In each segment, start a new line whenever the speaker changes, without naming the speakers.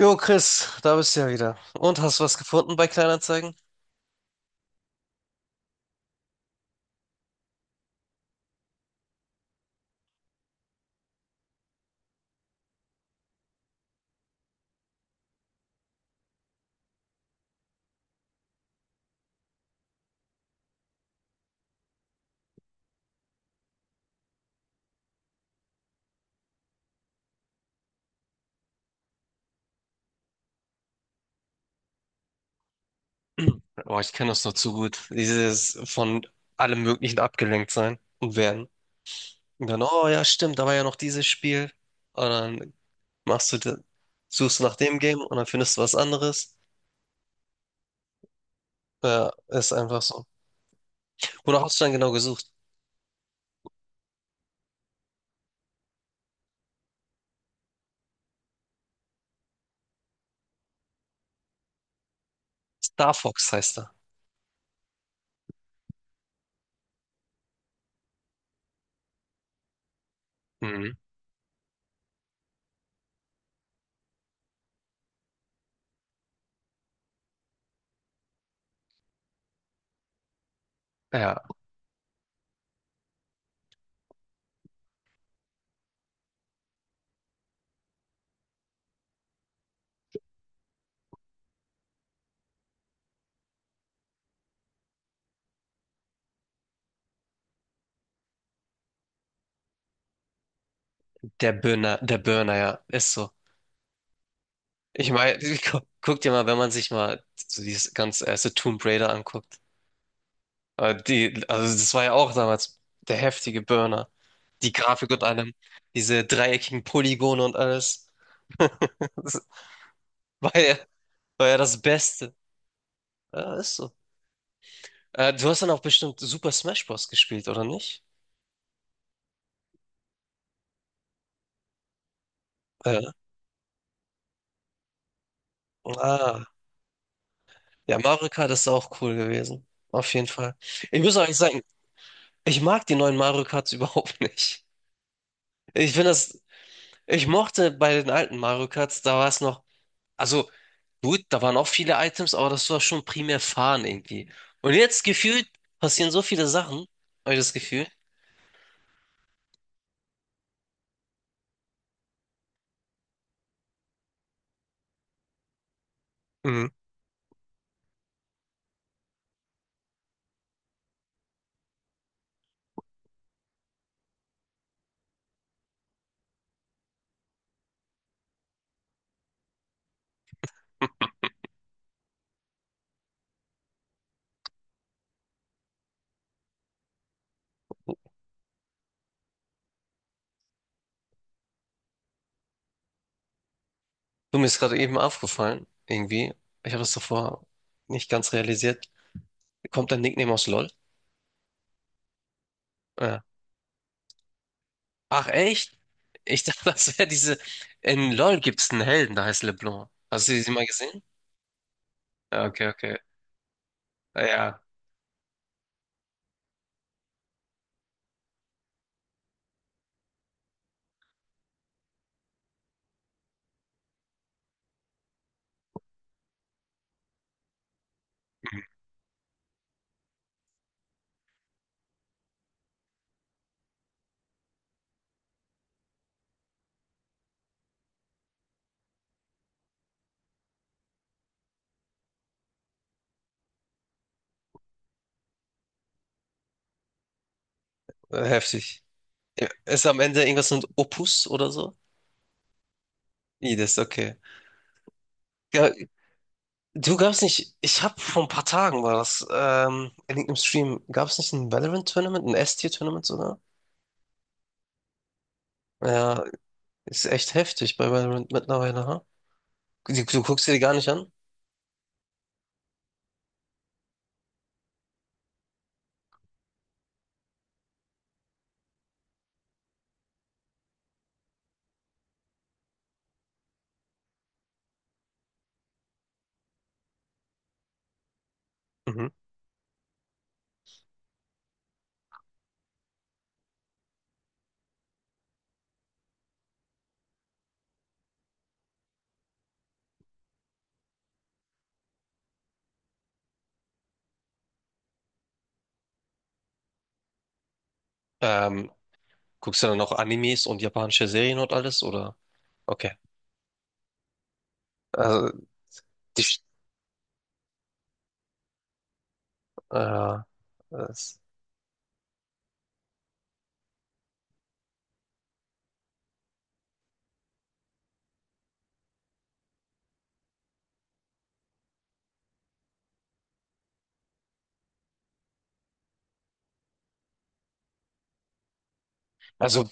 Jo, Chris, da bist du ja wieder. Und hast du was gefunden bei Kleinanzeigen? Oh, ich kenne das noch zu gut. Dieses von allem Möglichen abgelenkt sein und werden. Und dann, oh ja, stimmt, da war ja noch dieses Spiel. Und dann machst du, de- suchst du nach dem Game und dann findest du was anderes. Ja, ist einfach so. Wonach hast du dann genau gesucht? Star Fox heißt er. Mhm. Ja, der Burner, ja, ist so. Ich meine, guck dir mal, wenn man sich mal so dieses ganze erste Tomb Raider anguckt. Die, also das war ja auch damals der heftige Burner. Die Grafik und allem, diese dreieckigen Polygone und alles. Das war ja, war ja das Beste. Ja, ist so. Du hast dann auch bestimmt Super Smash Bros. Gespielt, oder nicht? Ja. Ah, ja, Mario Kart ist auch cool gewesen. Auf jeden Fall. Ich muss euch sagen, ich mag die neuen Mario Karts überhaupt nicht. Ich finde das, ich mochte bei den alten Mario Karts, da war es noch. Also gut, da waren auch viele Items, aber das war schon primär Fahren irgendwie. Und jetzt gefühlt passieren so viele Sachen, habe ich das Gefühl. Mhm. Du, mir ist gerade eben aufgefallen, irgendwie. Ich habe es davor nicht ganz realisiert. Kommt dein Nickname aus LOL? Ja. Ach, echt? Ich dachte, das wäre diese. In LOL gibt es einen Helden, der heißt LeBlanc. Hast du sie mal gesehen? Ja, okay, okay. Ja, heftig. Ist am Ende irgendwas mit Opus oder so? I, das ist okay. Ja, du gab's nicht, ich habe vor ein paar Tagen war das, in irgendeinem Stream, gab's nicht ein Valorant-Tournament, ein S-Tier-Tournament sogar? Ja, ist echt heftig bei Valorant mittlerweile, ha? Du guckst dir die gar nicht an? Mhm. Ähm, Guckst du dann auch Animes und japanische Serien und alles, oder? Okay. Also, die, Sch- äh, es- also,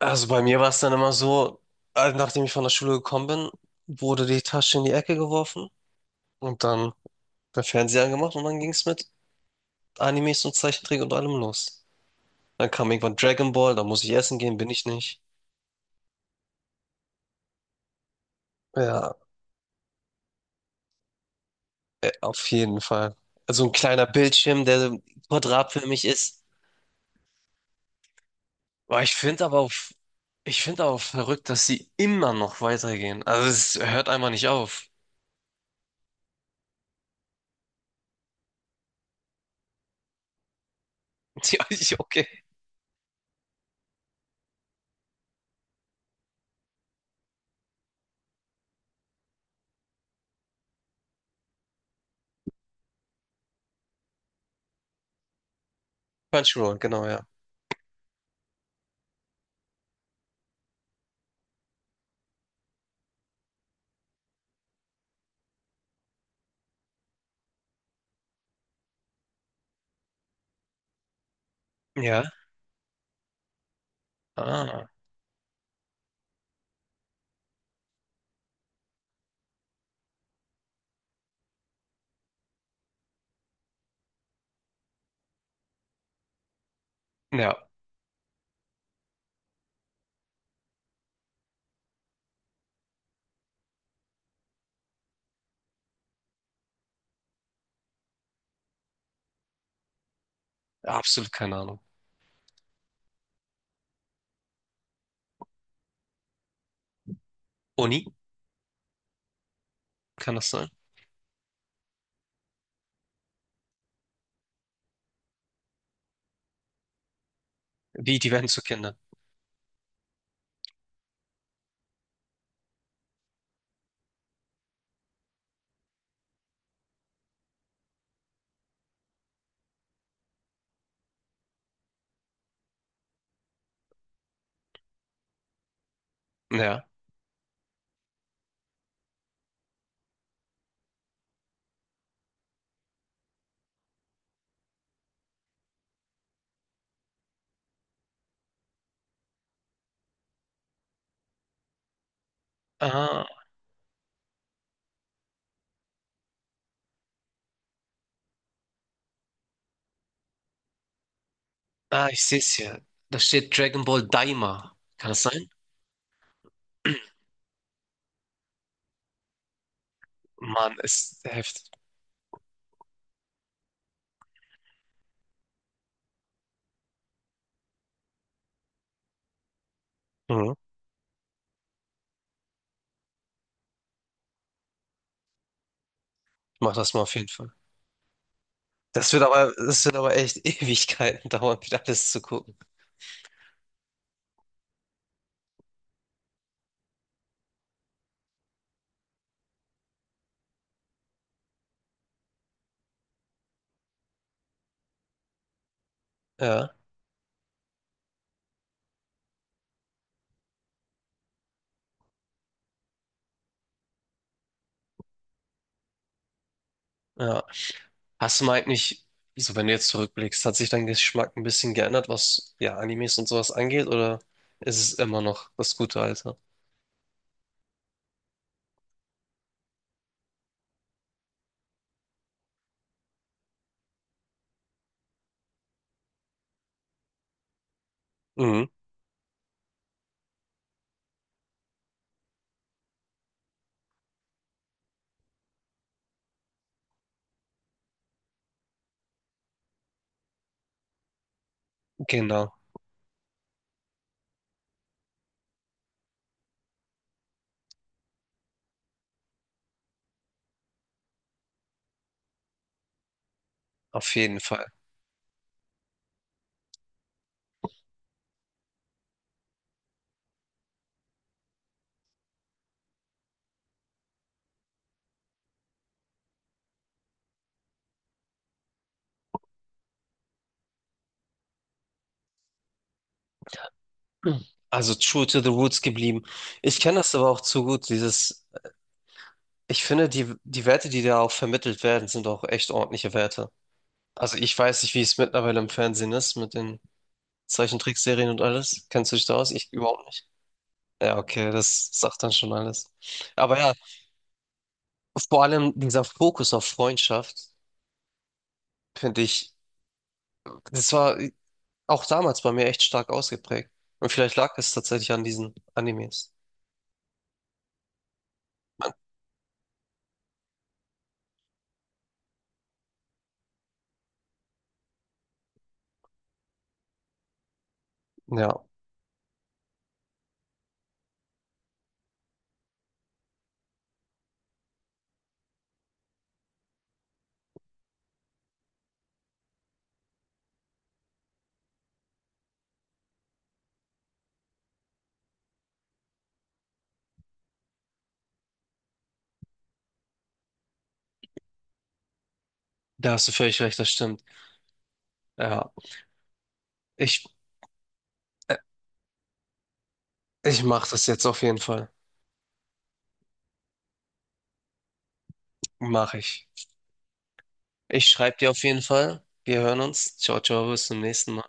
also bei mir war es dann immer so, nachdem ich von der Schule gekommen bin, wurde die Tasche in die Ecke geworfen und dann der Fernseher angemacht und dann ging es mit Animes und Zeichentrick und allem los. Dann kam irgendwann Dragon Ball, da muss ich essen gehen, bin ich nicht. Ja, auf jeden Fall. Also ein kleiner Bildschirm, der quadratförmig ist. Boah, ich finde aber auch verrückt, dass sie immer noch weitergehen. Also es hört einfach nicht auf. Ja, okay. Crunchyroll, genau, ja. Ja. Ah. Ja, absolut keine Ahnung. Uni, kann das sein? Wie, die werden zu Kindern. Ja. Ah, ah, ich sehe es hier. Da steht Dragon Ball Daima. Kann das sein? Mann, ist heftig. Mhm. Ich mach das mal auf jeden Fall. Das wird aber echt Ewigkeiten dauern, wieder alles zu gucken. Ja, ja. Hast du mal eigentlich, so wenn du jetzt zurückblickst, hat sich dein Geschmack ein bisschen geändert, was ja Animes und sowas angeht, oder ist es immer noch das gute Alte? Mhm, genau, auf jeden Fall. Mhm. Also true to the roots geblieben. Ich kenne das aber auch zu gut, dieses, ich finde, die Werte, die da auch vermittelt werden, sind auch echt ordentliche Werte. Also ich weiß nicht, wie es mittlerweile im Fernsehen ist mit den Zeichentrickserien und alles? Kennst du dich da aus? Ich überhaupt nicht. Ja, okay, das sagt dann schon alles. Aber ja, vor allem dieser Fokus auf Freundschaft, finde ich, das war auch damals bei mir echt stark ausgeprägt. Und vielleicht lag es tatsächlich an diesen Animes. Ja, da hast du völlig recht, das stimmt. Ja, ich, äh, ich mache das jetzt auf jeden Fall. Mache ich. Ich schreibe dir auf jeden Fall. Wir hören uns. Ciao, ciao, bis zum nächsten Mal.